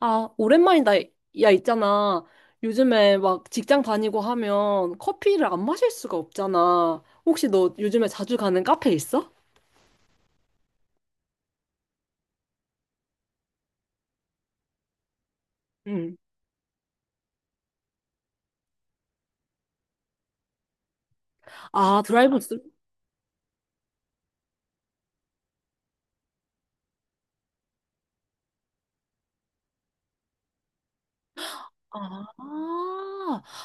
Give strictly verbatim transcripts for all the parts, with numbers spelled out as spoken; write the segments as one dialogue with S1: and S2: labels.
S1: 아, 오랜만이다. 야, 있잖아. 요즘에 막 직장 다니고 하면 커피를 안 마실 수가 없잖아. 혹시 너 요즘에 자주 가는 카페 있어? 응. 아, 드라이브, 아, 아,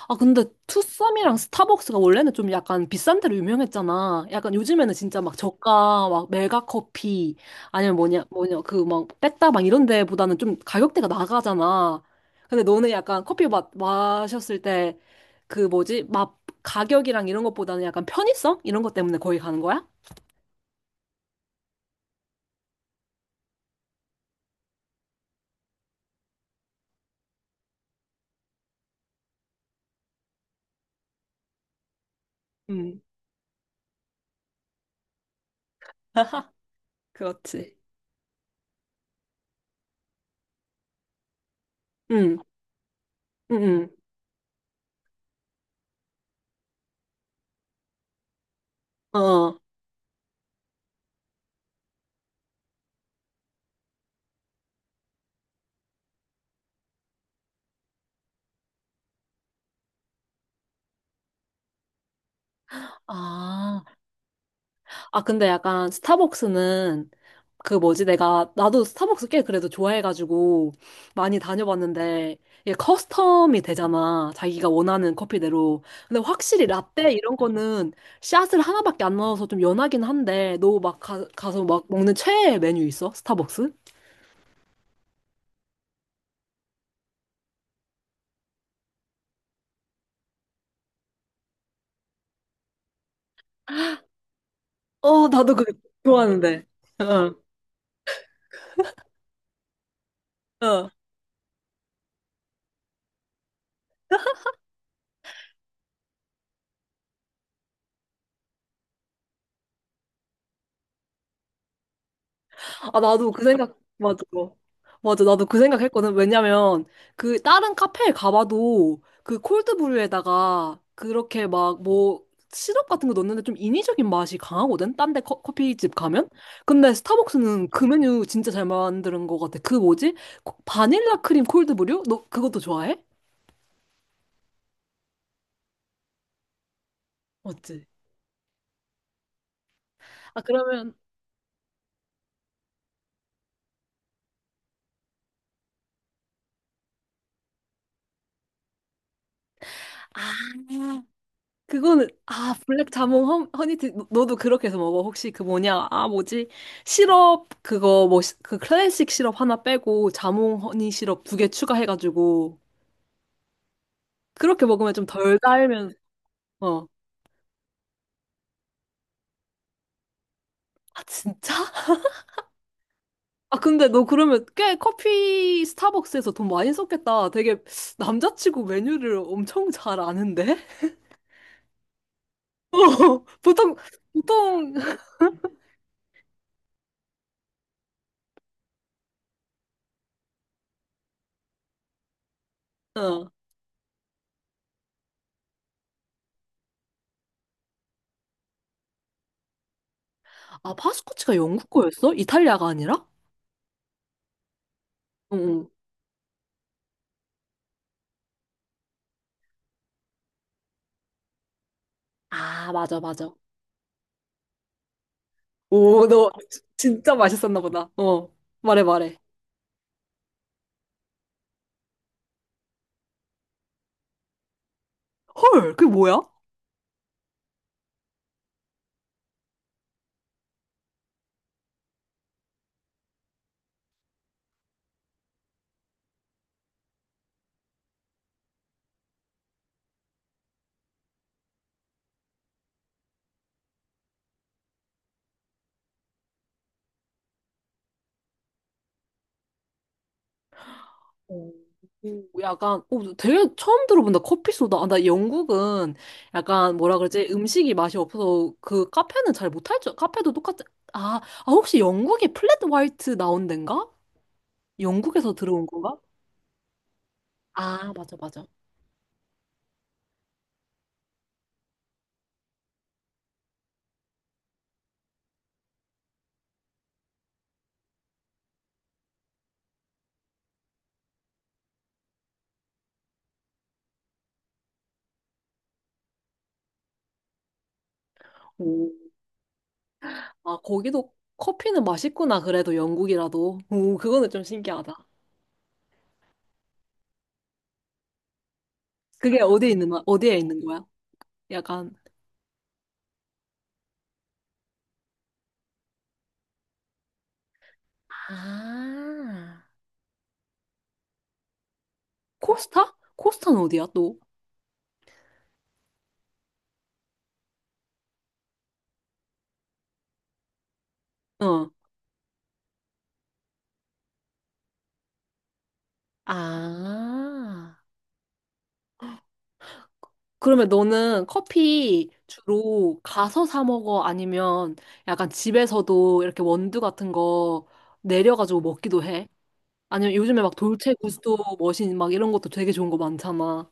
S1: 아, 근데 투썸이랑 스타벅스가 원래는 좀 약간 비싼 데로 유명했잖아. 약간 요즘에는 진짜 막 저가, 막 메가 커피, 아니면 뭐냐, 뭐냐, 그 막 빽다방 이런 데보다는 좀 가격대가 나가잖아. 근데 너는 약간 커피 마, 마셨을 때 그 뭐지, 맛, 가격이랑 이런 것보다는 약간 편의성? 이런 것 때문에 거기 가는 거야? 음. 그렇지. 응, 응, 응. 어. 어. 아, 아, 근데 약간 스타벅스는 그 뭐지, 내가 나도 스타벅스 꽤 그래도 좋아해가지고 많이 다녀봤는데 이게 커스텀이 되잖아, 자기가 원하는 커피대로. 근데 확실히 라떼 이런 거는 샷을 하나밖에 안 넣어서 좀 연하긴 한데, 너 막 가, 가서 막 먹는 최애 메뉴 있어? 스타벅스? 어, 나도 그거 좋아하는데. 어, 어. 아, 나도 그 생각, 맞아. 맞아, 나도 그 생각 했거든. 왜냐면 그, 다른 카페에 가봐도, 그 콜드브루에다가 그렇게 막, 뭐, 시럽 같은 거 넣는데 좀 인위적인 맛이 강하거든? 딴데 커피집 가면? 근데 스타벅스는 그 메뉴 진짜 잘 만드는 것 같아. 그 뭐지? 코- 바닐라 크림 콜드브루? 너 그것도 좋아해? 맞지? 아, 그러면, 아, 그거는 아, 블랙 자몽 허, 허니티, 너- 너도 그렇게 해서 먹어? 혹시 그 뭐냐, 아 뭐지, 시럽 그거 뭐 그 클래식 시럽 하나 빼고 자몽 허니 시럽 두 개 추가해가지고 그렇게 먹으면 좀 덜 달면. 어. 아, 진짜? 아, 근데 너 그러면 꽤 커피 스타벅스에서 돈 많이 썼겠다, 되게. 남자치고 메뉴를 엄청 잘 아는데? 어, 보통 보통 어아. 파스쿠치가 영국 거였어? 이탈리아가 아니라? 응. 응. 아, 맞아 맞아. 오, 너 진짜 맛있었나 보다. 어, 말해, 말해. 헐, 그게 뭐야? 어. 오, 약간, 오, 되게 처음 들어본다. 커피 소다. 아, 나 영국은 약간 뭐라 그러지? 음식이 맛이 없어서 그 카페는 잘 못할 줄. 카페도 똑같지. 아, 아, 혹시 영국에 플랫 화이트 나온 덴가? 영국에서 들어온 건가? 아, 맞아, 맞아. 오, 아, 거기도 커피는 맛있구나. 그래도 영국이라도. 오, 그거는 좀 신기하다. 그게 어디에 있는, 거- 어디에 있는 거야? 약간. 아. 코스타? 코스타는 어디야, 또? 어. 아. 그러면 너는 커피 주로 가서 사 먹어? 아니면 약간 집에서도 이렇게 원두 같은 거 내려가지고 먹기도 해? 아니면 요즘에 막 돌체 구스토 머신 막 이런 것도 되게 좋은 거 많잖아.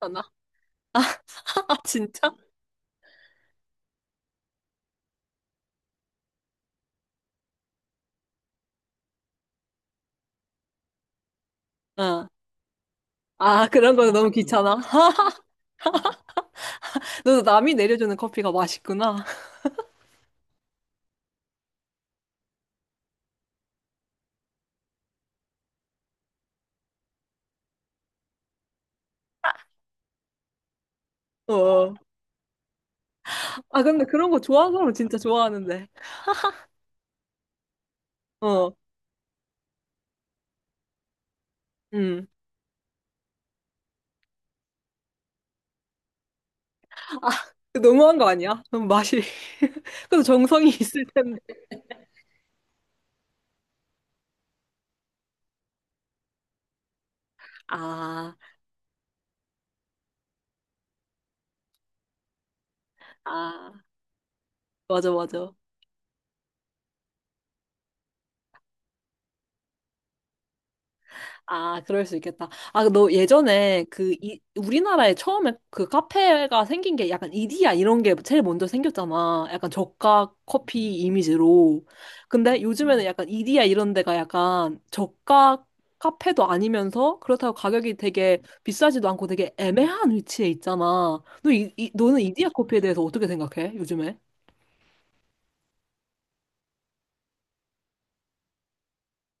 S1: 하나? 아, 진짜? 어. 아, 그런 거는 너무 귀찮아. 너도 남이 내려주는 커피가 맛있구나. 어. 아, 근데 그런 거 좋아하는 사람은 진짜 좋아하는데. 어. 음. 아, 너무한 거 아니야? 너무 맛이. 그래도 정성이 있을 텐데. 아, 아, 맞아, 맞아. 아, 그럴 수 있겠다. 아, 너 예전에 그, 이, 우리나라에 처음에 그 카페가 생긴 게 약간 이디야 이런 게 제일 먼저 생겼잖아. 약간 저가 커피 이미지로. 근데 요즘에는 약간 이디야 이런 데가 약간 저가 카페도 아니면서 그렇다고 가격이 되게 비싸지도 않고 되게 애매한 위치에 있잖아. 너 이, 이- 너는 이디야 커피에 대해서 어떻게 생각해? 요즘에?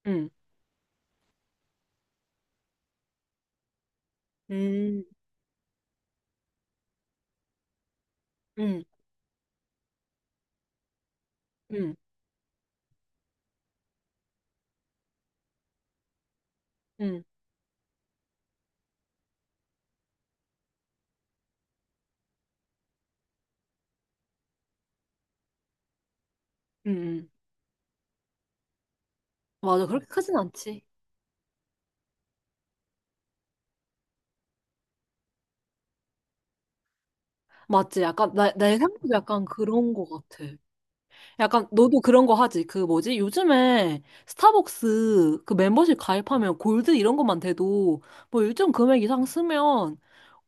S1: 응, 음, 응, 응, 응, 응, 응. 맞아, 그렇게 크진 않지. 맞지? 약간, 나, 내 생각도 약간 그런 거 같아. 약간, 너도 그런 거 하지? 그 뭐지? 요즘에 스타벅스 그 멤버십 가입하면 골드 이런 것만 돼도, 뭐 일정 금액 이상 쓰면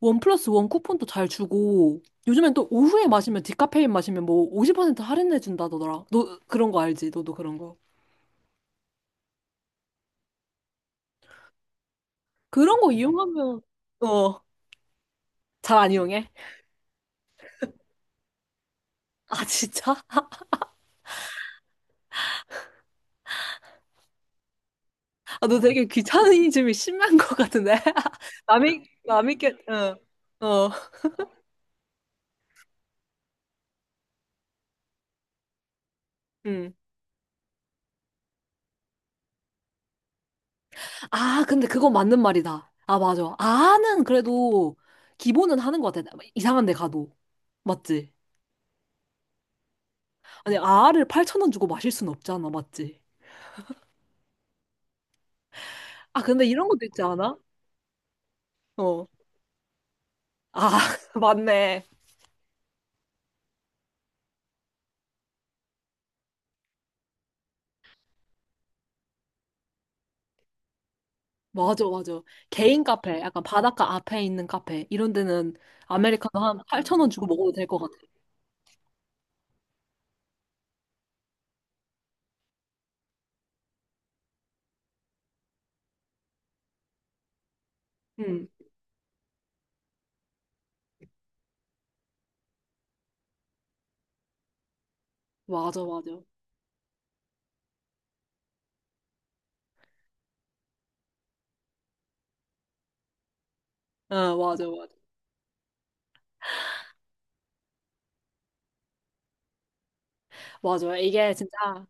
S1: 원 플러스 원 쿠폰도 잘 주고, 요즘엔 또 오후에 마시면 디카페인 마시면 뭐 오십 퍼센트 할인해준다더라. 너 그런 거 알지? 너도 그런 거. 그런 거 이용하면, 어, 잘 안 이용해? 아, 진짜? 아, 너 되게 귀차니즘이 심한 것 같은데. 남이, 남이 게, 어... 어, 음. 아, 근데 그건 맞는 말이다. 아, 맞아. 아는 그래도 기본은 하는 것 같아. 이상한 데 가도. 맞지? 아니, 아를 팔천 원 주고 마실 순 없잖아. 맞지? 아, 근데 이런 것도 있지 않아? 어. 아, 맞네. 맞아, 맞아. 개인 카페, 약간 바닷가 앞에 있는 카페, 이런 데는 아메리카노 한 팔천 원 주고 먹어도 될 것 같아. 응, 맞아, 맞아. 응, 맞아, 맞아. 맞아요. 이게 진짜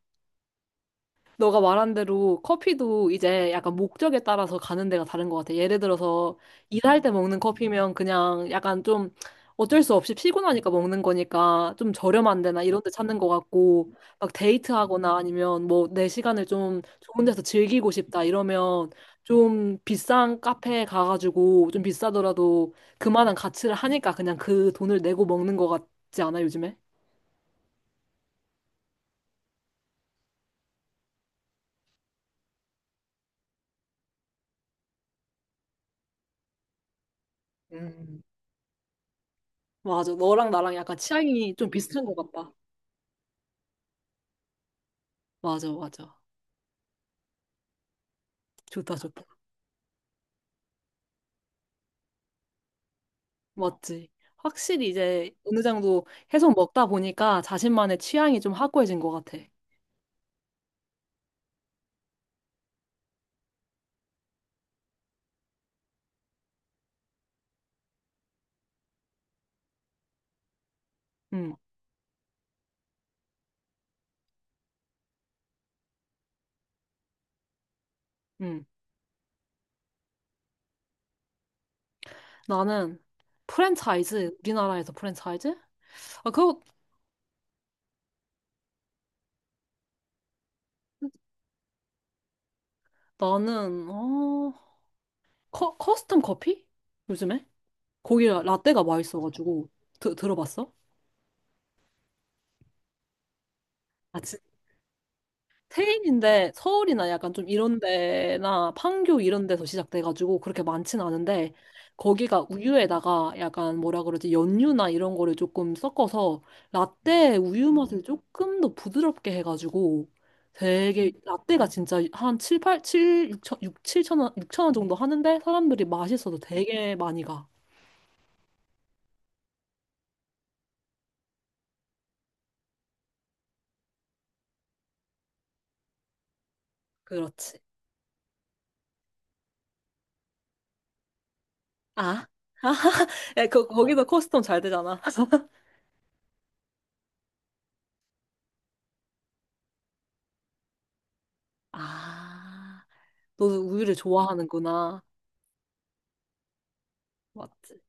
S1: 너가 말한 대로 커피도 이제 약간 목적에 따라서 가는 데가 다른 것 같아. 예를 들어서 일할 때 먹는 커피면 그냥 약간 좀 어쩔 수 없이 피곤하니까 먹는 거니까 좀 저렴한 데나 이런 데 찾는 것 같고, 막 데이트하거나 아니면 뭐 내 시간을 좀 좋은 데서 즐기고 싶다 이러면 좀 비싼 카페에 가가지고 좀 비싸더라도 그만한 가치를 하니까 그냥 그 돈을 내고 먹는 것 같지 않아, 요즘에? 음. 맞아. 너랑 나랑 약간 취향이 좀 비슷한 것 같다. 맞아, 맞아. 좋다, 좋다. 맞지. 확실히 이제 어느 정도 계속 먹다 보니까 자신만의 취향이 좀 확고해진 것 같아. 응, 응. 나는 프랜차이즈, 우리나라에서 프랜차이즈? 아, 그거. 나는 어 커, 커스텀 커피? 요즘에? 거기 라떼가 맛있어가지고. 드, 들어봤어? 아, 테일인데 서울이나 약간 좀 이런 데나 판교 이런 데서 시작돼가지고 그렇게 많진 않은데, 거기가 우유에다가 약간 뭐라 그러지, 연유나 이런 거를 조금 섞어서 라떼 우유 맛을 조금 더 부드럽게 해가지고 되게 라떼가 진짜 한 칠, 팔, 칠, 육천, 육, 천 원, 육천 원 정도 하는데 사람들이 맛있어서 되게 많이 가. 그렇지. 아? 아, 그, 거기서 커스텀 잘 되잖아. 아, 너도 우유를 좋아하는구나. 맞지?